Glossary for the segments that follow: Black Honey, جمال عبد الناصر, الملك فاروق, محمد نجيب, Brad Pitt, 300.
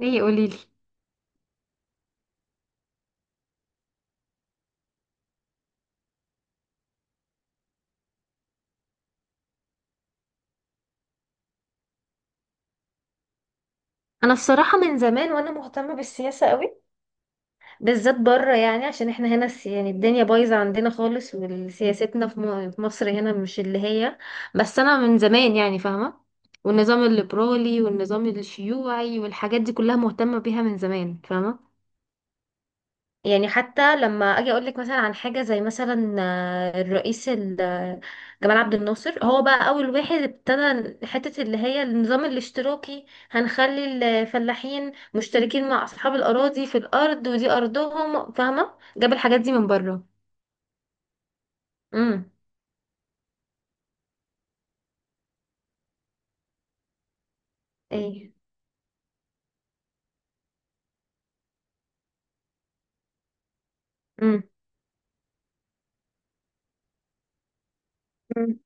ليه؟ قوليلي. انا الصراحه من زمان وانا مهتمه بالسياسه قوي، بالذات بره. يعني عشان احنا هنا يعني الدنيا بايظه عندنا خالص، وسياستنا في مصر هنا مش اللي هي. بس انا من زمان يعني فاهمه، والنظام الليبرالي والنظام الشيوعي والحاجات دي كلها مهتمه بيها من زمان، فاهمه. يعني حتى لما اجي اقول لك مثلا عن حاجه زي مثلا الرئيس جمال عبد الناصر، هو بقى اول واحد ابتدى حته اللي هي النظام الاشتراكي، هنخلي الفلاحين مشتركين مع اصحاب الاراضي في الارض، ودي ارضهم، فاهمه؟ جاب الحاجات دي من بره. امم. ايه؟ امم. مم.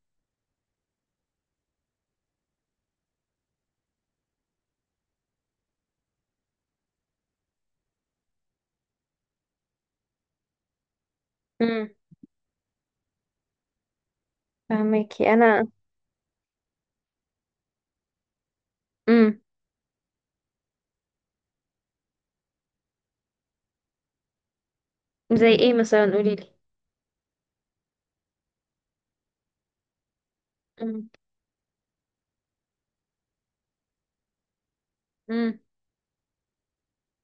امم. فهماكي انا. امم. زي ايه مثلا؟ قولي لي. مم. امم.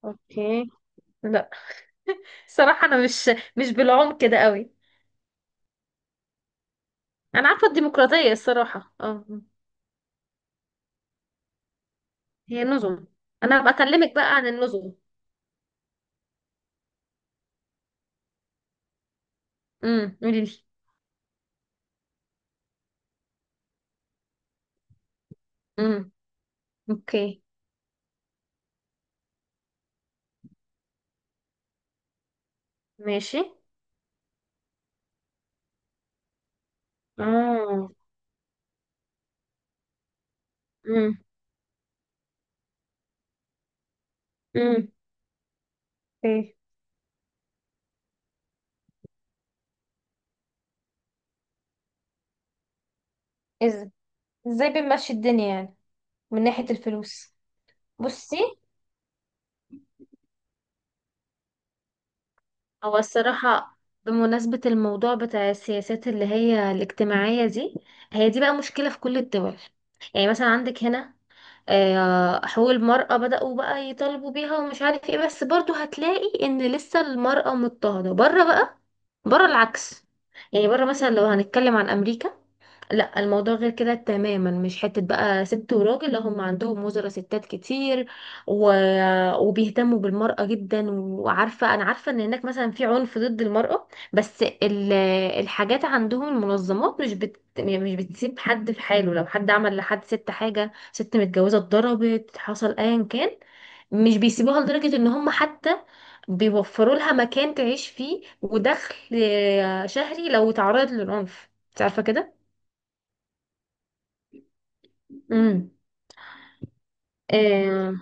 اوكي. لا، صراحه انا مش بالعمق كده قوي. انا عارفه الديمقراطيه الصراحه، اه. هي نظم، انا بكلمك بقى عن النظم. امم، قولي لي. امم. اوكي. ماشي. اه. امم. امم. اوكي. ازاي؟ ازاي بنمشي الدنيا يعني، من ناحية الفلوس؟ بصي، هو الصراحه بمناسبه الموضوع بتاع السياسات اللي هي الاجتماعيه دي، هي دي بقى مشكله في كل الدول. يعني مثلا عندك هنا، حقوق المرأة بدأوا بقى يطالبوا بيها ومش عارف ايه، بس برضو هتلاقي ان لسه المرأة مضطهدة بره بقى. بره العكس، يعني بره مثلا لو هنتكلم عن أمريكا، لا الموضوع غير كده تماما، مش حتة بقى ست وراجل، لا هم عندهم وزراء ستات كتير. و... وبيهتموا بالمرأة جدا، وعارفة، أنا عارفة إن هناك مثلا في عنف ضد المرأة، بس الحاجات عندهم، المنظمات مش بت... يعني مش بتسيب حد في حاله. لو حد عمل لحد ست حاجة، ست متجوزة اتضربت، حصل أيا كان، مش بيسيبوها، لدرجة إن هم حتى بيوفروا لها مكان تعيش فيه ودخل شهري لو تعرضت للعنف، انت عارفة كده؟ مم. آه.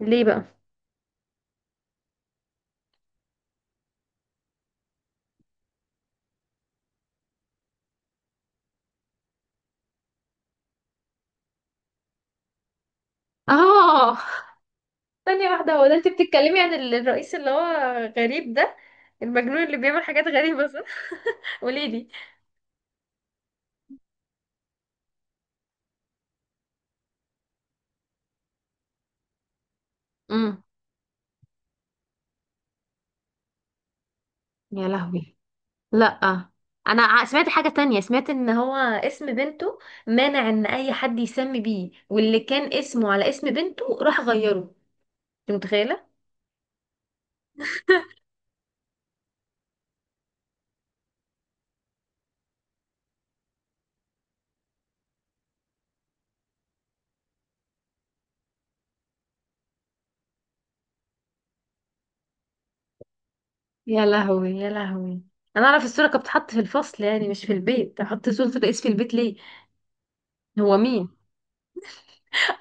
ليه بقى؟ اه. ثانية واحدة، هو ده انت بتتكلمي عن الرئيس اللي هو غريب ده، المجنون اللي بيعمل حاجات غريبة، صح؟ قولي لي. امم. يا لهوي، لا انا سمعت حاجة تانية، سمعت ان هو اسم بنته مانع ان اي حد يسمي بيه، واللي كان اسمه على اسم بنته راح غيره، انت متخيلة؟ يا لهوي يا لهوي. انا اعرف الصورة كانت بتتحط في الفصل يعني، مش في البيت. احط صورة الرئيس في البيت ليه؟ هو مين؟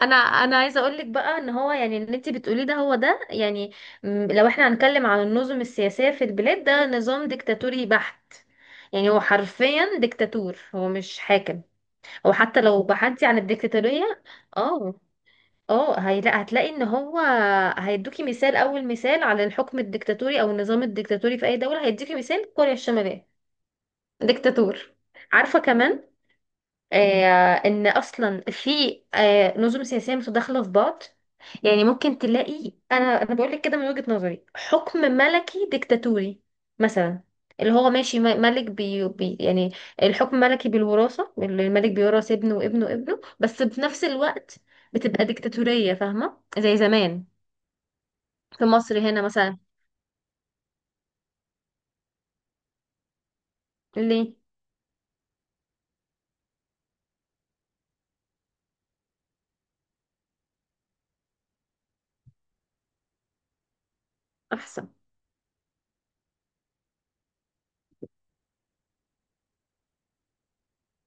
انا عايزه اقول لك بقى ان هو، يعني اللي انت بتقوليه ده هو ده، يعني لو احنا هنتكلم عن النظم السياسيه في البلاد، ده نظام ديكتاتوري بحت. يعني هو حرفيا ديكتاتور، هو مش حاكم. وحتى لو بحثتي عن الديكتاتوريه، اه اه، هتلاقي ان هو هيدوكي مثال، اول مثال على الحكم الديكتاتوري او النظام الديكتاتوري في اي دوله، هيديكي مثال كوريا الشماليه. ديكتاتور. عارفه كمان ان اصلا في نظم سياسيه متداخله في بعض. يعني ممكن تلاقي، انا بقول لك كده من وجهه نظري، حكم ملكي ديكتاتوري مثلا، اللي هو ماشي ملك بي يعني، الحكم ملكي بالوراثه، اللي الملك بيورث ابنه وابنه وابنه، بس في نفس الوقت بتبقى ديكتاتوريه، فاهمه؟ زي زمان في مصر هنا مثلا. ليه؟ احسن.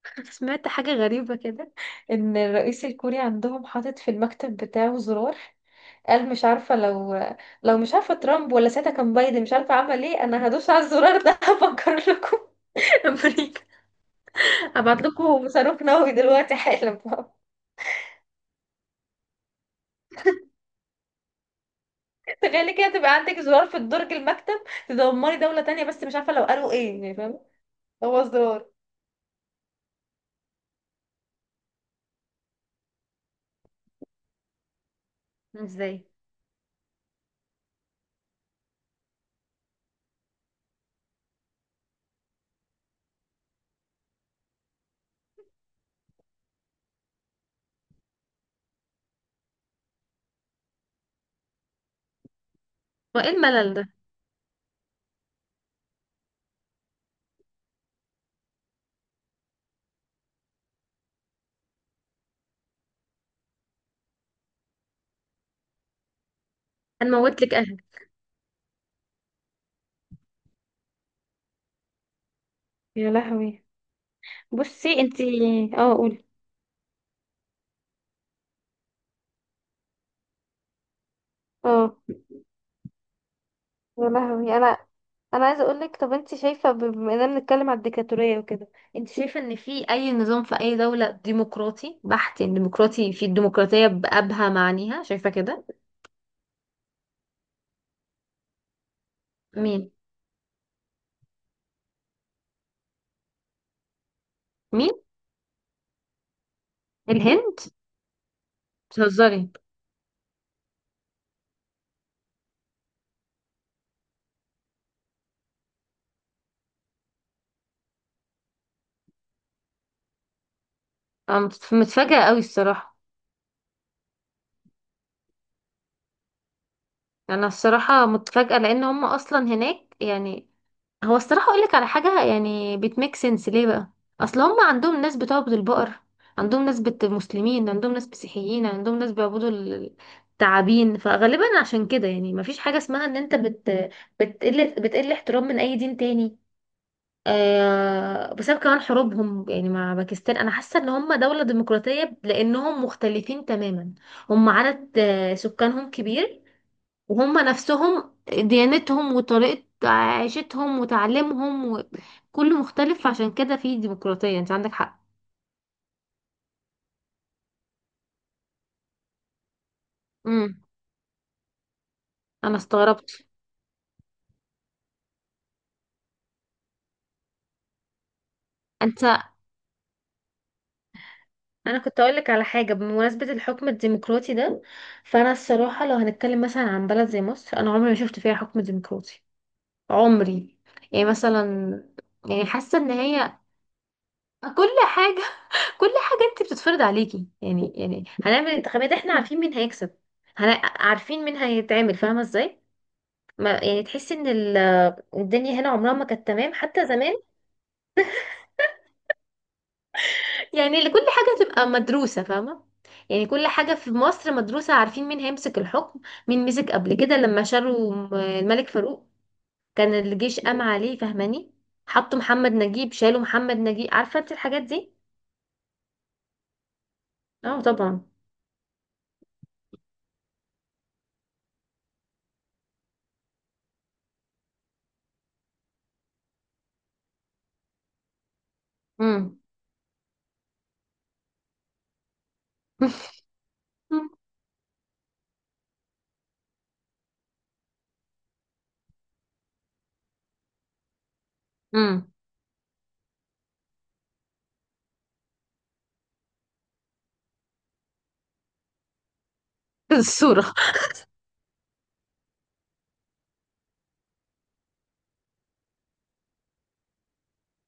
سمعت حاجه غريبه كده، ان الرئيس الكوري عندهم حاطط في المكتب بتاعه زرار، قال مش عارفة لو مش عارفة ترامب ولا ساعتها كان بايدن، مش عارفة عمل ايه، انا هدوس على الزرار ده. هفكر لكم، امريكا، هبعت لكم صاروخ نووي دلوقتي حالا. تخيلي كده تبقى عندك زرار في درج المكتب، تدمري دولة تانية، بس مش عارفة لو قالوا ايه يعني، فاهمة؟ هو زرار. ازاي؟ وايه الملل ده؟ هنموت لك اهلك. يا لهوي. بصي انتي. اه، قولي. اه. يا لهوي. انا عايزه اقول لك، طب انت شايفه بما اننا بنتكلم على الديكتاتوريه وكده، انت شايفه ان في اي نظام في اي دوله ديمقراطي بحت يعني، ديمقراطي في الديمقراطيه بابهى معانيها، شايفه كده؟ مين؟ مين؟ الهند؟ بتهزري؟ انا متفاجئه قوي الصراحه. انا الصراحه متفاجئه، لان هم اصلا هناك يعني، هو الصراحة اقول لك على حاجة يعني بتميك سنس، ليه بقى؟ اصل هم عندهم ناس بتعبد البقر، عندهم ناس مسلمين، عندهم ناس مسيحيين، عندهم ناس بيعبدوا التعابين، فغالبا عشان كده يعني مفيش حاجة اسمها ان انت بت بتقل بتقل احترام من اي دين تاني. آه، بسبب كمان حروبهم يعني مع باكستان، انا حاسة ان هم دولة ديمقراطية لانهم مختلفين تماما، هم عدد سكانهم كبير، وهم نفسهم ديانتهم وطريقة عيشتهم وتعليمهم وكله مختلف، عشان كده في ديمقراطية، انت عندك حق. امم. انا استغربت. انت. انا كنت اقول لك على حاجة بمناسبة الحكم الديمقراطي ده، فانا الصراحة لو هنتكلم مثلا عن بلد زي مصر، انا عمري ما شفت فيها حكم ديمقراطي، عمري. يعني مثلا، يعني حاسة ان هي كل حاجة، كل حاجة انت بتتفرض عليكي يعني هنعمل انتخابات احنا عارفين مين هيكسب، عارفين مين هيتعمل، فاهمة ازاي؟ ما يعني تحسي ان الدنيا هنا عمرها ما كانت تمام حتى زمان، يعني اللي كل حاجة تبقى مدروسة، فاهمة؟ يعني كل حاجة في مصر مدروسة، عارفين مين هيمسك الحكم، مين مسك قبل كده. لما شالوا الملك فاروق، كان الجيش قام عليه، فاهماني؟ حطوا محمد نجيب، شالوا محمد نجيب، عارفة انت الحاجات دي. اه طبعا. امم. امم. الصورة.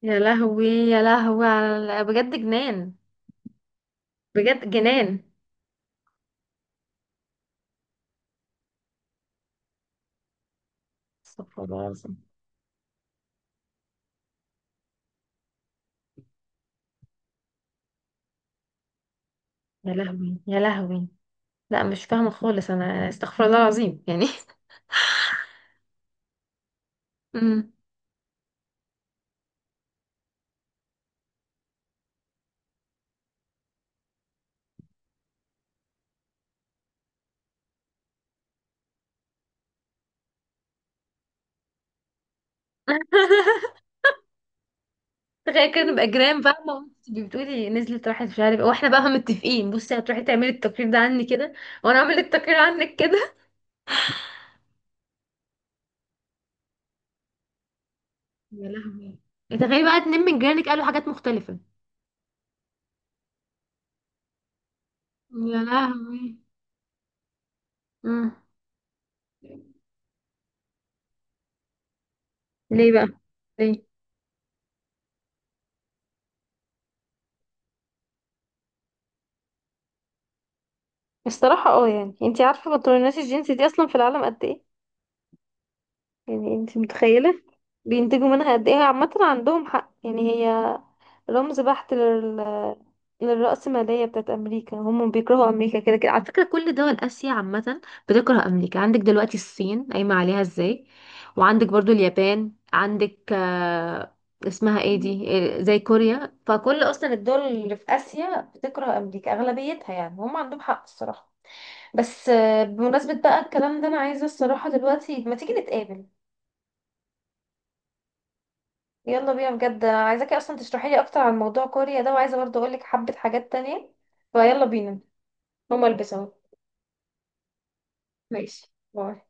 يا لهوي يا لهوي، على بجد جنان، بجد جنان. استغفر الله العظيم. يا لهوي يا لهوي، لا مش فاهمة خالص انا، استغفر الله العظيم يعني. أمم. تخيل كده نبقى جيران بقى، ما أنت بتقولي نزلت راحت مش عارف إيه، واحنا بقى متفقين، بصي هتروحي تعملي التقرير ده عني كده، وانا اعمل التقرير عنك كده. يا لهوي. تخيلي بقى اتنين من جيرانك قالوا حاجات مختلفة. يا لهوي. أمم. ليه بقى؟ ليه؟ الصراحة اه يعني، انتي عارفة بطلونات الجينز دي اصلا في العالم قد ايه؟ يعني انتي متخيلة بينتجوا منها قد ايه؟ عامة عندهم حق يعني، هي رمز بحت للرأسمالية بتاعت أمريكا. هم بيكرهوا أمريكا كده كده، على فكرة كل دول آسيا عامة بتكره أمريكا، عندك دلوقتي الصين قايمة عليها ازاي، وعندك برضو اليابان، عندك اسمها ايه دي، إيه، زي كوريا، فكل أصلا الدول اللي في آسيا بتكره أمريكا أغلبيتها، يعني هم عندهم حق الصراحة. بس بمناسبة بقى الكلام ده، أنا عايزة الصراحة دلوقتي ما تيجي نتقابل. يلا بينا بجد، انا عايزاكي اصلا تشرحي لي اكتر عن موضوع كوريا ده، وعايزه برضه اقول لك حبه حاجات تانية، فيلا بينا، هما البس اهو. ماشي باي.